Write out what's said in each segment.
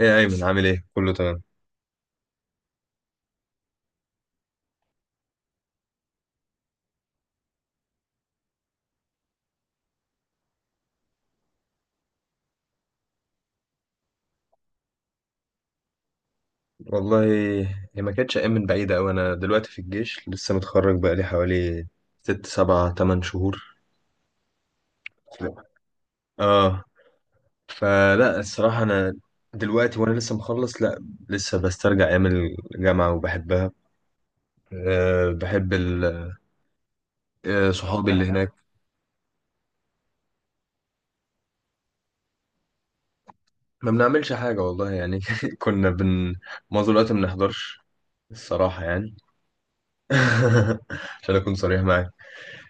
ايه يا ايمن، عامل ايه؟ كله تمام. والله، هي ما كانتش ايام من بعيده قوي. انا دلوقتي في الجيش، لسه متخرج بقالي حوالي ست سبعة تمن شهور. اه. فلا الصراحه انا دلوقتي وانا لسه مخلص، لا لسه بسترجع ايام الجامعه وبحبها. أه بحب ال- صحابي اللي هناك. ما بنعملش حاجه والله يعني كنا بن معظم الوقت ما بنحضرش الصراحه يعني. عشان اكون صريح معاك،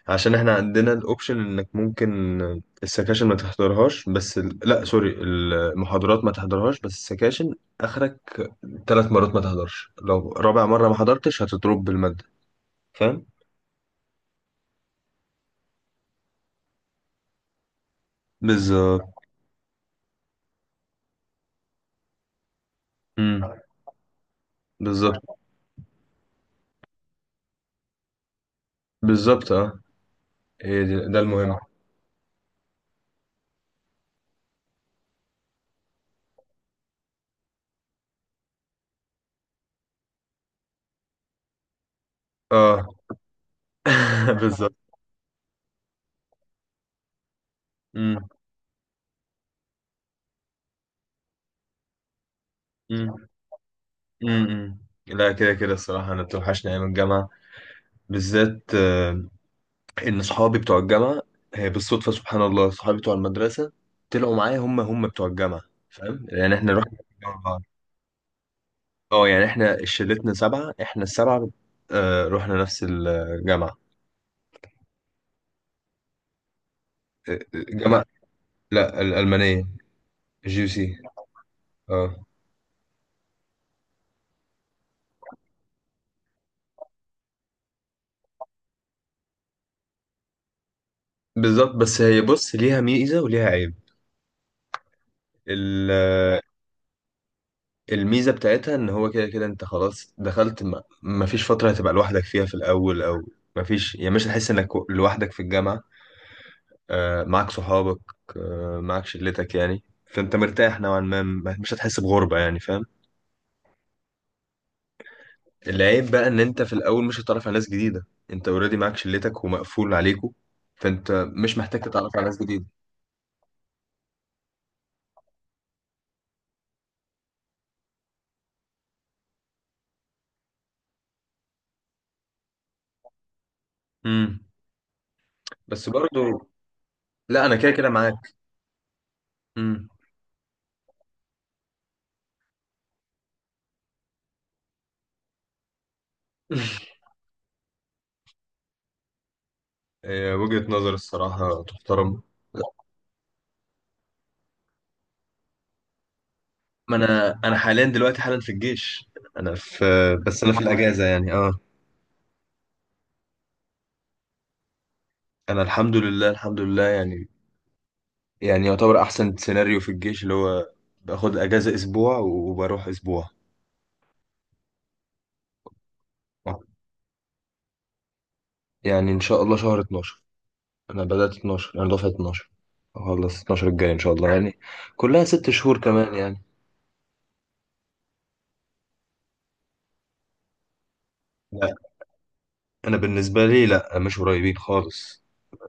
عشان احنا عندنا الاوبشن انك ممكن السكاشن ما تحضرهاش، بس لا سوري، المحاضرات ما تحضرهاش، بس السكاشن اخرك 3 مرات ما تحضرش، لو رابع مرة ما حضرتش هتضرب بالمادة. فاهم؟ بالظبط. امم. بالظبط بالظبط اه. ده المهم. اه. بالظبط. امم امم أمم. لا، كده كده الصراحة انا بتوحشني ايام الجامعة بالذات. ان صحابي بتوع الجامعه، بالصدفه سبحان الله، صحابي بتوع المدرسه طلعوا معايا، هم بتوع الجامعه. فاهم يعني؟ احنا رحنا مع بعض. اه يعني احنا شلتنا سبعه، احنا السبعه رحنا نفس الجامعه. آه، الجامعه. لا، الالمانيه. جي سي. اه. بالظبط. بس هي بص، ليها ميزه وليها عيب. ال- آه، الميزه بتاعتها ان هو كده كده انت خلاص دخلت، ما فيش فتره هتبقى لوحدك فيها في الاول، او ما فيش، يعني مش هتحس انك لوحدك في الجامعه، معاك صحابك، معاك شلتك. يعني فانت مرتاح نوعا ما، مش هتحس بغربة يعني، فاهم؟ العيب بقى ان انت في الاول مش هتتعرف على ناس جديدة. انت اوريدي معاك شلتك ومقفول عليكو، فانت مش محتاج تتعرف على ناس جديدة. امم بس برضو، لا انا كده كده معاك. امم وجهة نظر الصراحة تحترم. ما انا حاليا دلوقتي حالا في الجيش. انا في بس انا في الاجازة يعني. اه. انا الحمد لله الحمد لله يعني، يعني يعتبر احسن سيناريو في الجيش اللي هو باخد اجازة اسبوع وبروح اسبوع. يعني ان شاء الله شهر 12، انا بدأت 12، انا دفعة 12، اخلص 12 الجاي ان شاء الله يعني. كلها 6 شهور كمان يعني. لا، انا بالنسبة لي لا، مش قريبين خالص.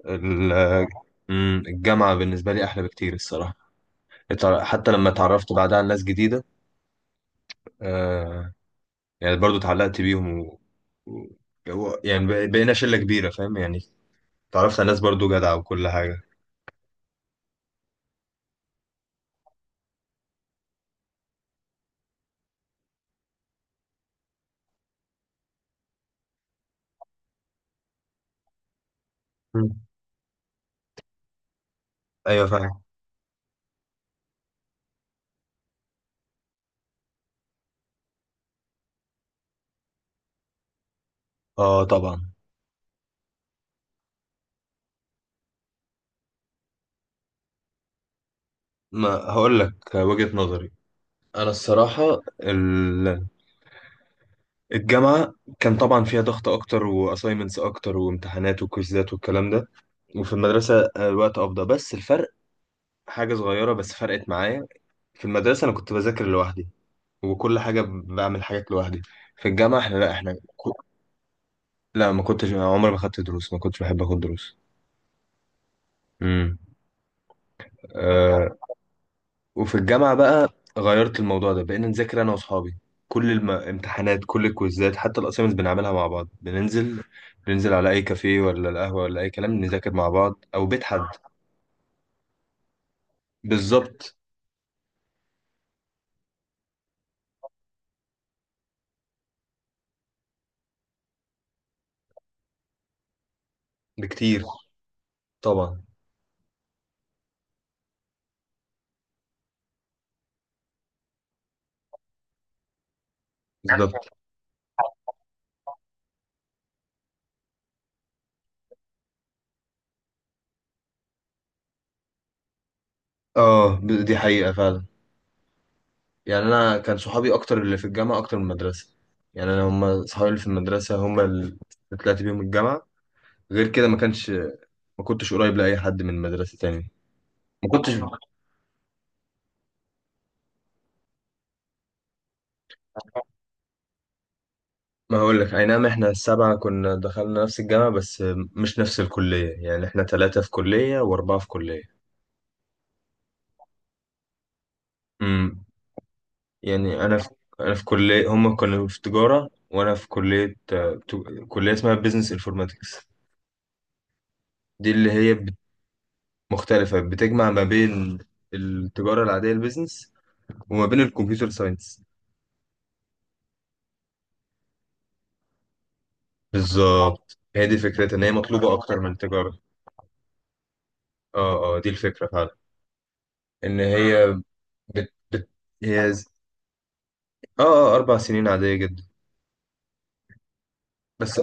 ال- الجامعة بالنسبة لي احلى بكتير الصراحة. حتى لما اتعرفت بعدها على ناس جديدة. آه. يعني برضو اتعلقت بيهم، يعني بقينا شلة كبيرة، فاهم يعني. اتعرفت على ناس برضو جدعة وكل حاجة. مم. ايوه فاهم. اه طبعا. ما هقول لك وجهة نظري. انا الصراحة ال- الجامعة كان طبعا فيها ضغط اكتر واساينمنتس اكتر وامتحانات وكويزات والكلام ده، وفي المدرسة الوقت افضل. بس الفرق حاجة صغيرة بس فرقت معايا. في المدرسة انا كنت بذاكر لوحدي، وكل حاجة بعمل حاجات لوحدي. في الجامعة احنا، لا احنا، لا، ما كنتش عمري ما خدت دروس، ما كنتش بحب اخد دروس. امم وفي الجامعة بقى غيرت الموضوع ده، بقينا نذاكر أنا وأصحابي. كل الامتحانات، كل الكويزات، حتى الأسايمنتس بنعملها مع بعض. بننزل على أي كافيه ولا القهوة ولا أي كلام، نذاكر مع بعض أو بيت حد. بالظبط. بكتير. طبعا. بالظبط. دي حقيقة فعلا. يعني أنا كان صحابي أكتر اللي في الجامعة أكتر من المدرسة. يعني أنا، هما صحابي اللي في المدرسة هما اللي طلعت بيهم الجامعة، غير كده ما كانش، ما كنتش قريب لأي حد من المدرسة تاني. ما كنتش ما هقول لك، اي نعم احنا السبعة كنا دخلنا نفس الجامعة، بس مش نفس الكلية. يعني احنا ثلاثة في كلية واربعة في كلية. امم يعني انا في انا في كلية، هم كانوا في تجارة وانا في كلية كلية اسمها بيزنس انفورماتكس. دي اللي هي بت- مختلفة، بتجمع ما بين التجارة العادية، البيزنس، وما بين الكمبيوتر ساينس. بالظبط، هي دي فكرتها، ان هي مطلوبة اكتر من التجارة. اه اه دي الفكرة فعلا. ان هي بت... بت... هي ز- اه اه 4 سنين عادية جدا. بس.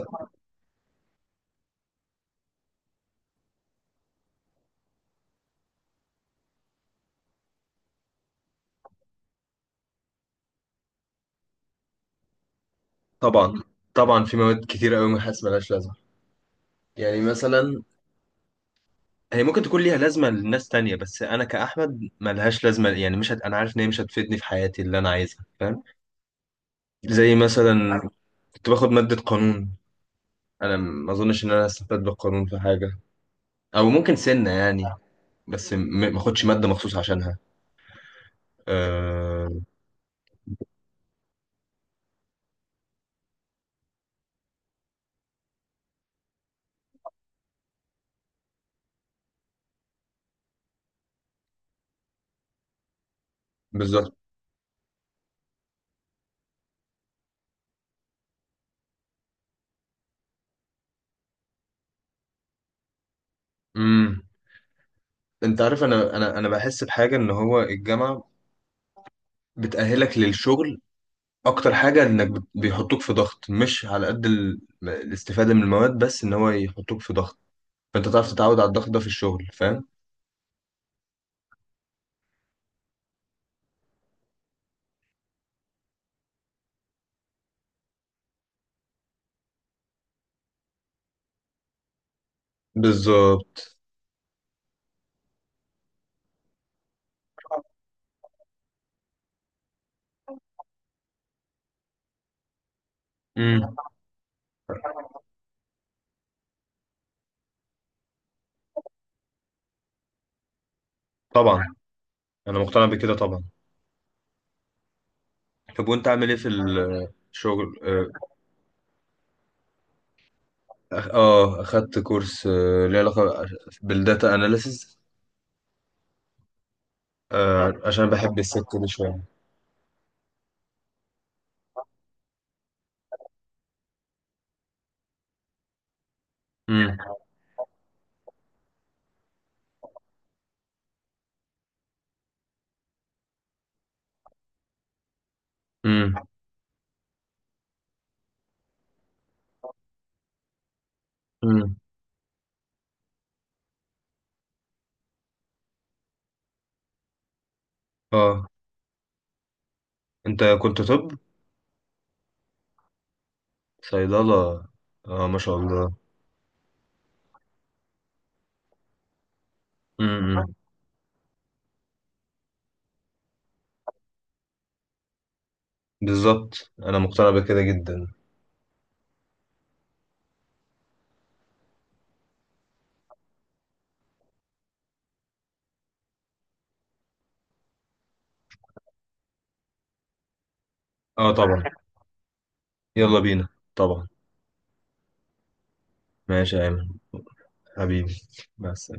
طبعا طبعا في مواد كتير قوي ما حاسس ملهاش لازمه. يعني مثلا، هي ممكن تكون ليها لازمه لناس تانية، بس انا كاحمد ملهاش لازمه يعني. مش هت... انا عارف ان هي مش هتفيدني في حياتي اللي انا عايزها، فاهم. زي مثلا كنت باخد ماده قانون، انا ما اظنش ان انا هستفاد بالقانون في حاجه، او ممكن سنه يعني. بس م- ما اخدش ماده مخصوص عشانها. أه... بالظبط. امم. انت عارف، انا انا بحس بحاجه ان هو الجامعه بتأهلك للشغل اكتر حاجه، انك بيحطوك في ضغط مش على قد الاستفاده من المواد، بس ان هو يحطوك في ضغط، فانت تعرف تتعود على الضغط ده في الشغل، فاهم. بالظبط. امم. طبعا انا مقتنع بكده طبعا. طب وانت عامل ايه في الشغل؟ اه. اخدت كورس ليه علاقه بالداتا اناليسز. آه عشان بحب السكه دي شويه. امم امم امم اه. انت كنت طب؟ صيدله. اه ما شاء الله. امم. بالظبط. انا مقتنع بكده جدا. اه طبعا. يلا بينا. طبعا. ماشي يا ايمن، حبيبي. بس